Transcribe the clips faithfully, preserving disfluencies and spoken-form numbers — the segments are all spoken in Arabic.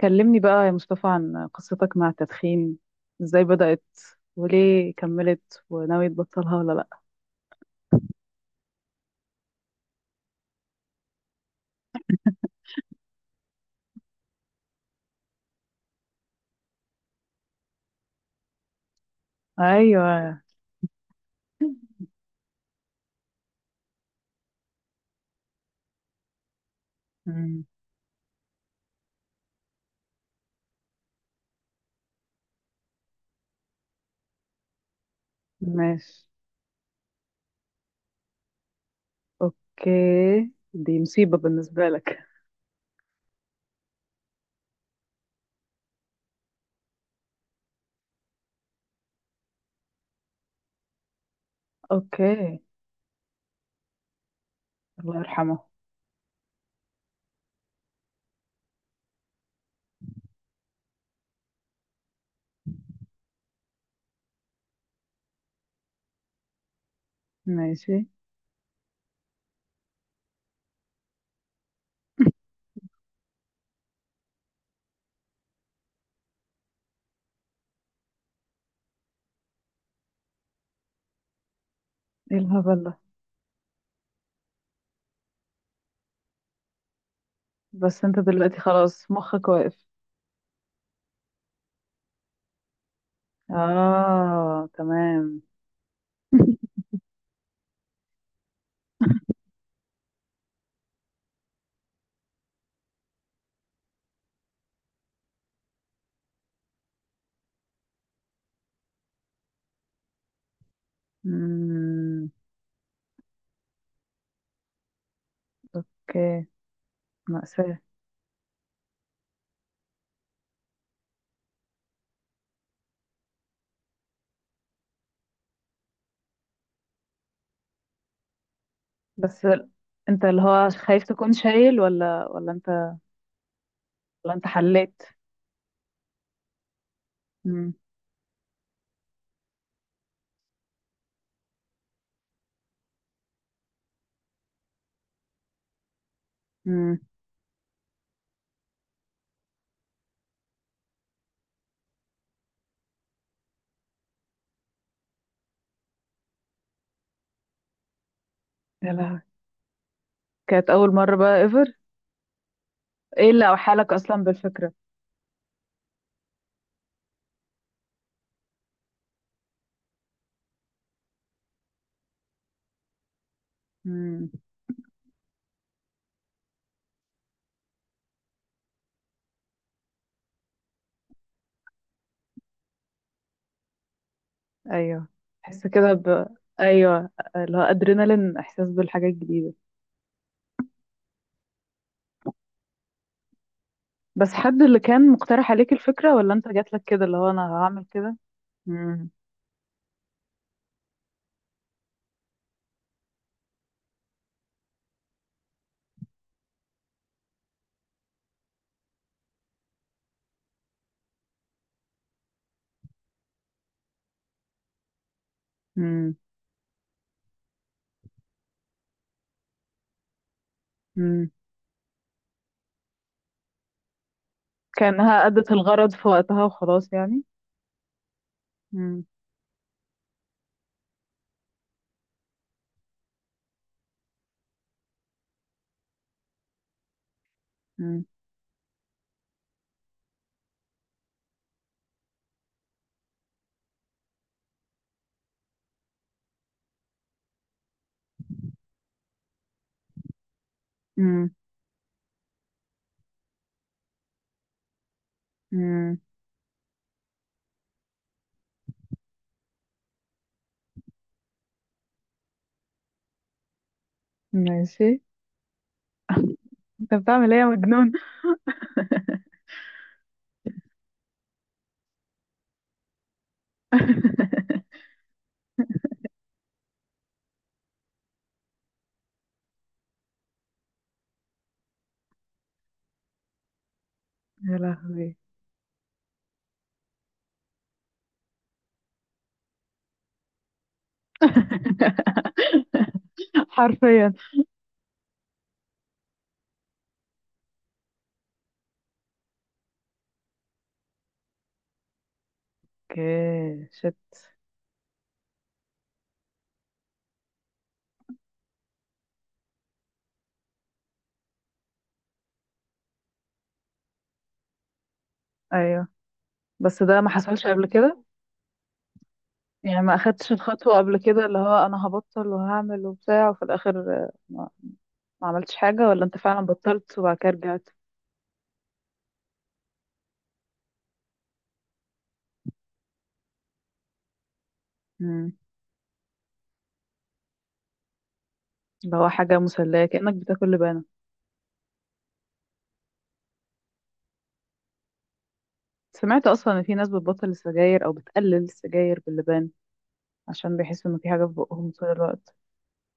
كلمني بقى يا مصطفى عن قصتك مع التدخين. ازاي بدأت؟ وليه كملت؟ وناوي تبطلها ولا لأ؟ ايوه. مم. ماشي. اوكي. دي مصيبة بالنسبة لك. اوكي. الله يرحمه. ماشي، ايه؟ الهبل ده. بس انت دلوقتي خلاص مخك واقف. اه، تمام. مم. اوكي. مأساة. بس انت اللي هو خايف تكون شايل ولا ولا انت؟ ولا انت حليت؟ امم. يا لهوي. كانت أول مرة بقى ايفر؟ ايه اللي أوحالك أصلا بالفكرة؟ امم. أيوه. تحس كده ب أيوه، اللي هو أدرينالين، إحساس بالحاجات الجديدة. بس حد اللي كان مقترح عليك الفكرة، ولا أنت جاتلك كده اللي هو أنا هعمل كده؟ امم، امم، امم. كأنها أدت الغرض في وقتها وخلاص يعني. امم، امم، امم، امم. ماشي. أنت بتعمل إيه يا مجنون؟ يا لهوي. حرفيا. اوكي، شت. ايوه. بس ده ما حصلش قبل كده؟ يعني ما اخدتش الخطوة قبل كده، اللي هو انا هبطل وهعمل وبتاع وفي الاخر آه، ما, ما عملتش حاجة، ولا انت فعلا بطلت وبعد كده رجعت؟ مم. اللي هو حاجة مسلية، كأنك بتاكل لبانة. سمعت اصلا ان في ناس بتبطل السجاير او بتقلل السجاير باللبان، عشان بيحسوا ان في حاجة في بقهم طول الوقت.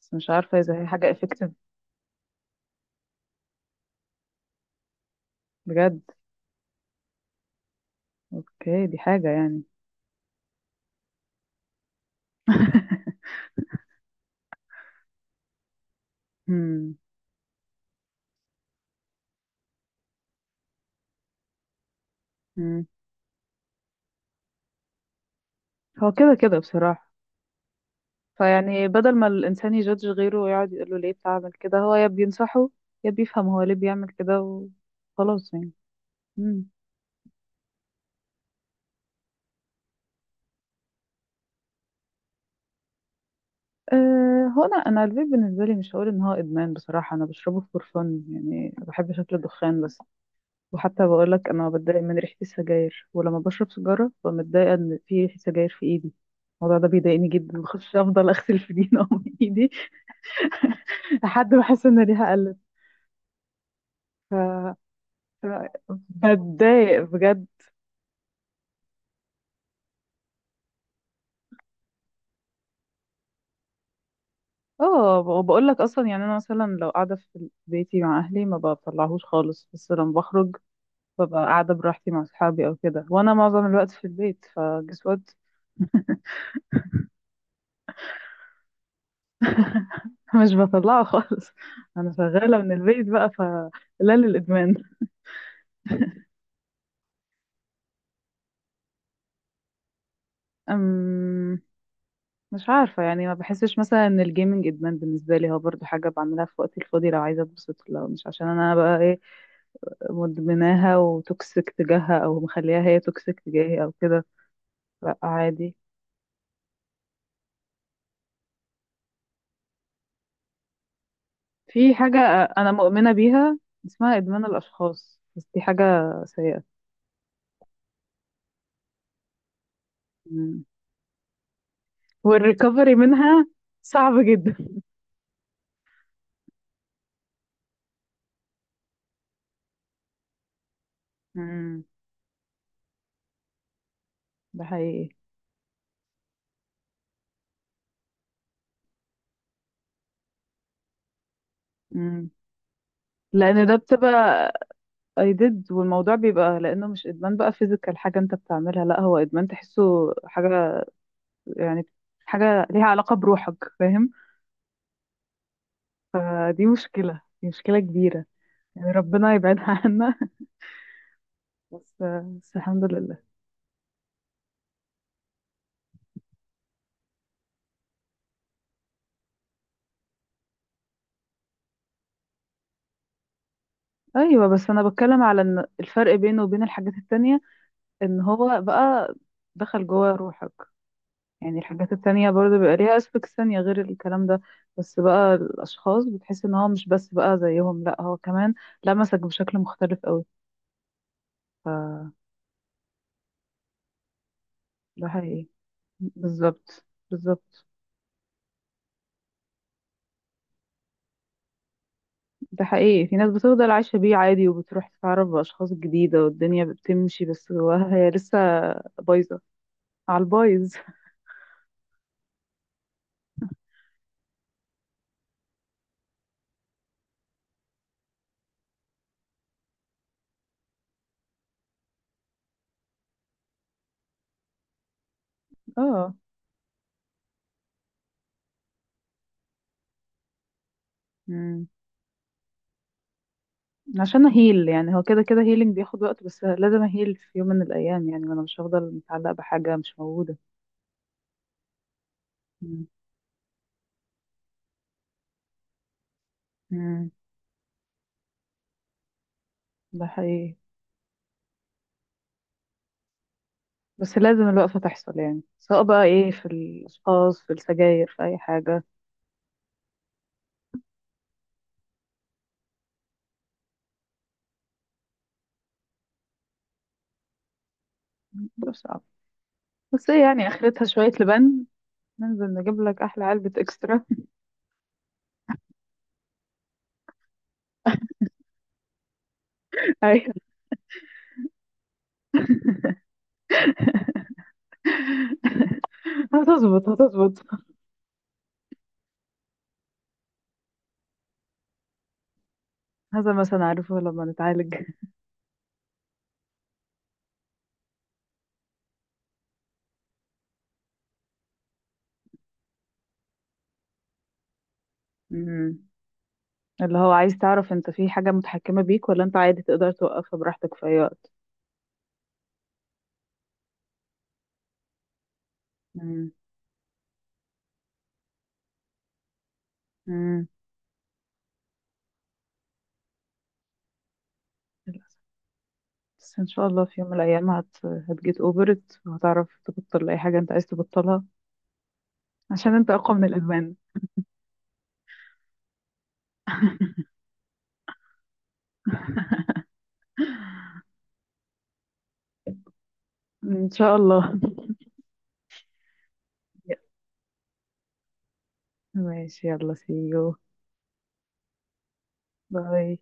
بس مش عارفة اذا هي حاجة افكتيف. بجد؟ اوكي، دي حاجة يعني. مم. مم. هو كده كده، بصراحة. فيعني بدل ما الإنسان يجادج غيره ويقعد يقول له ليه بتعمل كده، هو يا بينصحه يا بيفهم هو ليه بيعمل كده وخلاص يعني. مم. أه، هو أنا أنا الفيب بالنسبة لي مش هقول إن هو إدمان، بصراحة أنا بشربه فور فن يعني، بحب شكل الدخان بس. وحتى بقولك أنا بتضايق من ريحة السجاير، ولما بشرب سيجارة ببقى متضايقة إن في ريحة سجاير في إيدي. الموضوع ده بيضايقني جدا، بخش أفضل أغسل في دي من إيدي. لحد ما أحس إن ريحة قلت. ف... ف- بتضايق بجد. اه، وبقول لك اصلا يعني انا مثلا لو قاعده في بيتي مع اهلي ما بطلعهوش خالص، بس لما بخرج ببقى قاعده براحتي مع اصحابي او كده، وانا معظم الوقت في البيت، فجس وات. مش بطلعه خالص. انا شغاله من البيت بقى، فلا. للادمان. أم. مش عارفه يعني، ما بحسش مثلا ان الجيمنج ادمان بالنسبه لي، هو برضو حاجه بعملها في وقتي الفاضي لو عايزه اتبسط، لو مش عشان انا بقى ايه مدمناها وتوكسيك تجاهها، او مخليها هي توكسيك تجاهي او كده. لا، عادي. في حاجة أنا مؤمنة بيها، اسمها إدمان الأشخاص، بس دي حاجة سيئة. مم. والريكفري منها صعب جدا. مم. ده حقيقي. مم. لأن ده بتبقى I did، والموضوع بيبقى لأنه مش إدمان بقى فيزيكال حاجة أنت بتعملها، لا هو إدمان تحسه حاجة يعني. حاجة ليها علاقة بروحك، فاهم؟ فدي مشكلة، دي مشكلة كبيرة. يعني ربنا يبعدها عنا. بس بس الحمد لله. أيوة، بس أنا بتكلم على إن الفرق بينه وبين الحاجات التانية ان هو بقى دخل جوه روحك. يعني الحاجات التانية برضه بيبقى ليها aspects تانية غير الكلام ده. بس بقى الأشخاص بتحس ان هو مش بس بقى زيهم، لا هو كمان لمسك بشكل مختلف قوي. ف ده حقيقي. بالظبط، بالظبط. ده حقيقي، في ناس بتفضل عايشة بيه عادي وبتروح تتعرف بأشخاص جديدة والدنيا بتمشي، بس جواها هي لسه بايظة على البايظ. اه. مم. عشان اهيل يعني، هو كده كده هيلينج بياخد وقت، بس لازم اهيل في يوم من الايام يعني، وانا مش هفضل متعلقه بحاجه مش موجوده. مم. مم. ده حقيقي. بس لازم الوقفه تحصل يعني، سواء بقى ايه، في الاشخاص، في السجاير، في اي حاجه. ده صعب. بس ايه يعني، اخرتها شويه لبن. ننزل نجيب لك احلى علبه اكسترا. ايوه. هتظبط، هتظبط. هذا مثلا، عارفه لما نتعالج. مم. اللي هو عايز تعرف، انت في حاجه متحكمه بيك ولا انت عادي تقدر توقفها براحتك في اي وقت؟ مم. مم. للأسف. بس إن شاء الله في يوم من الأيام هت هتجيت أوفرت وهتعرف تبطل أي حاجة أنت عايز تبطلها. عشان أنت أقوى من الإدمان. إن شاء الله. ماشي، يلا see you. باي.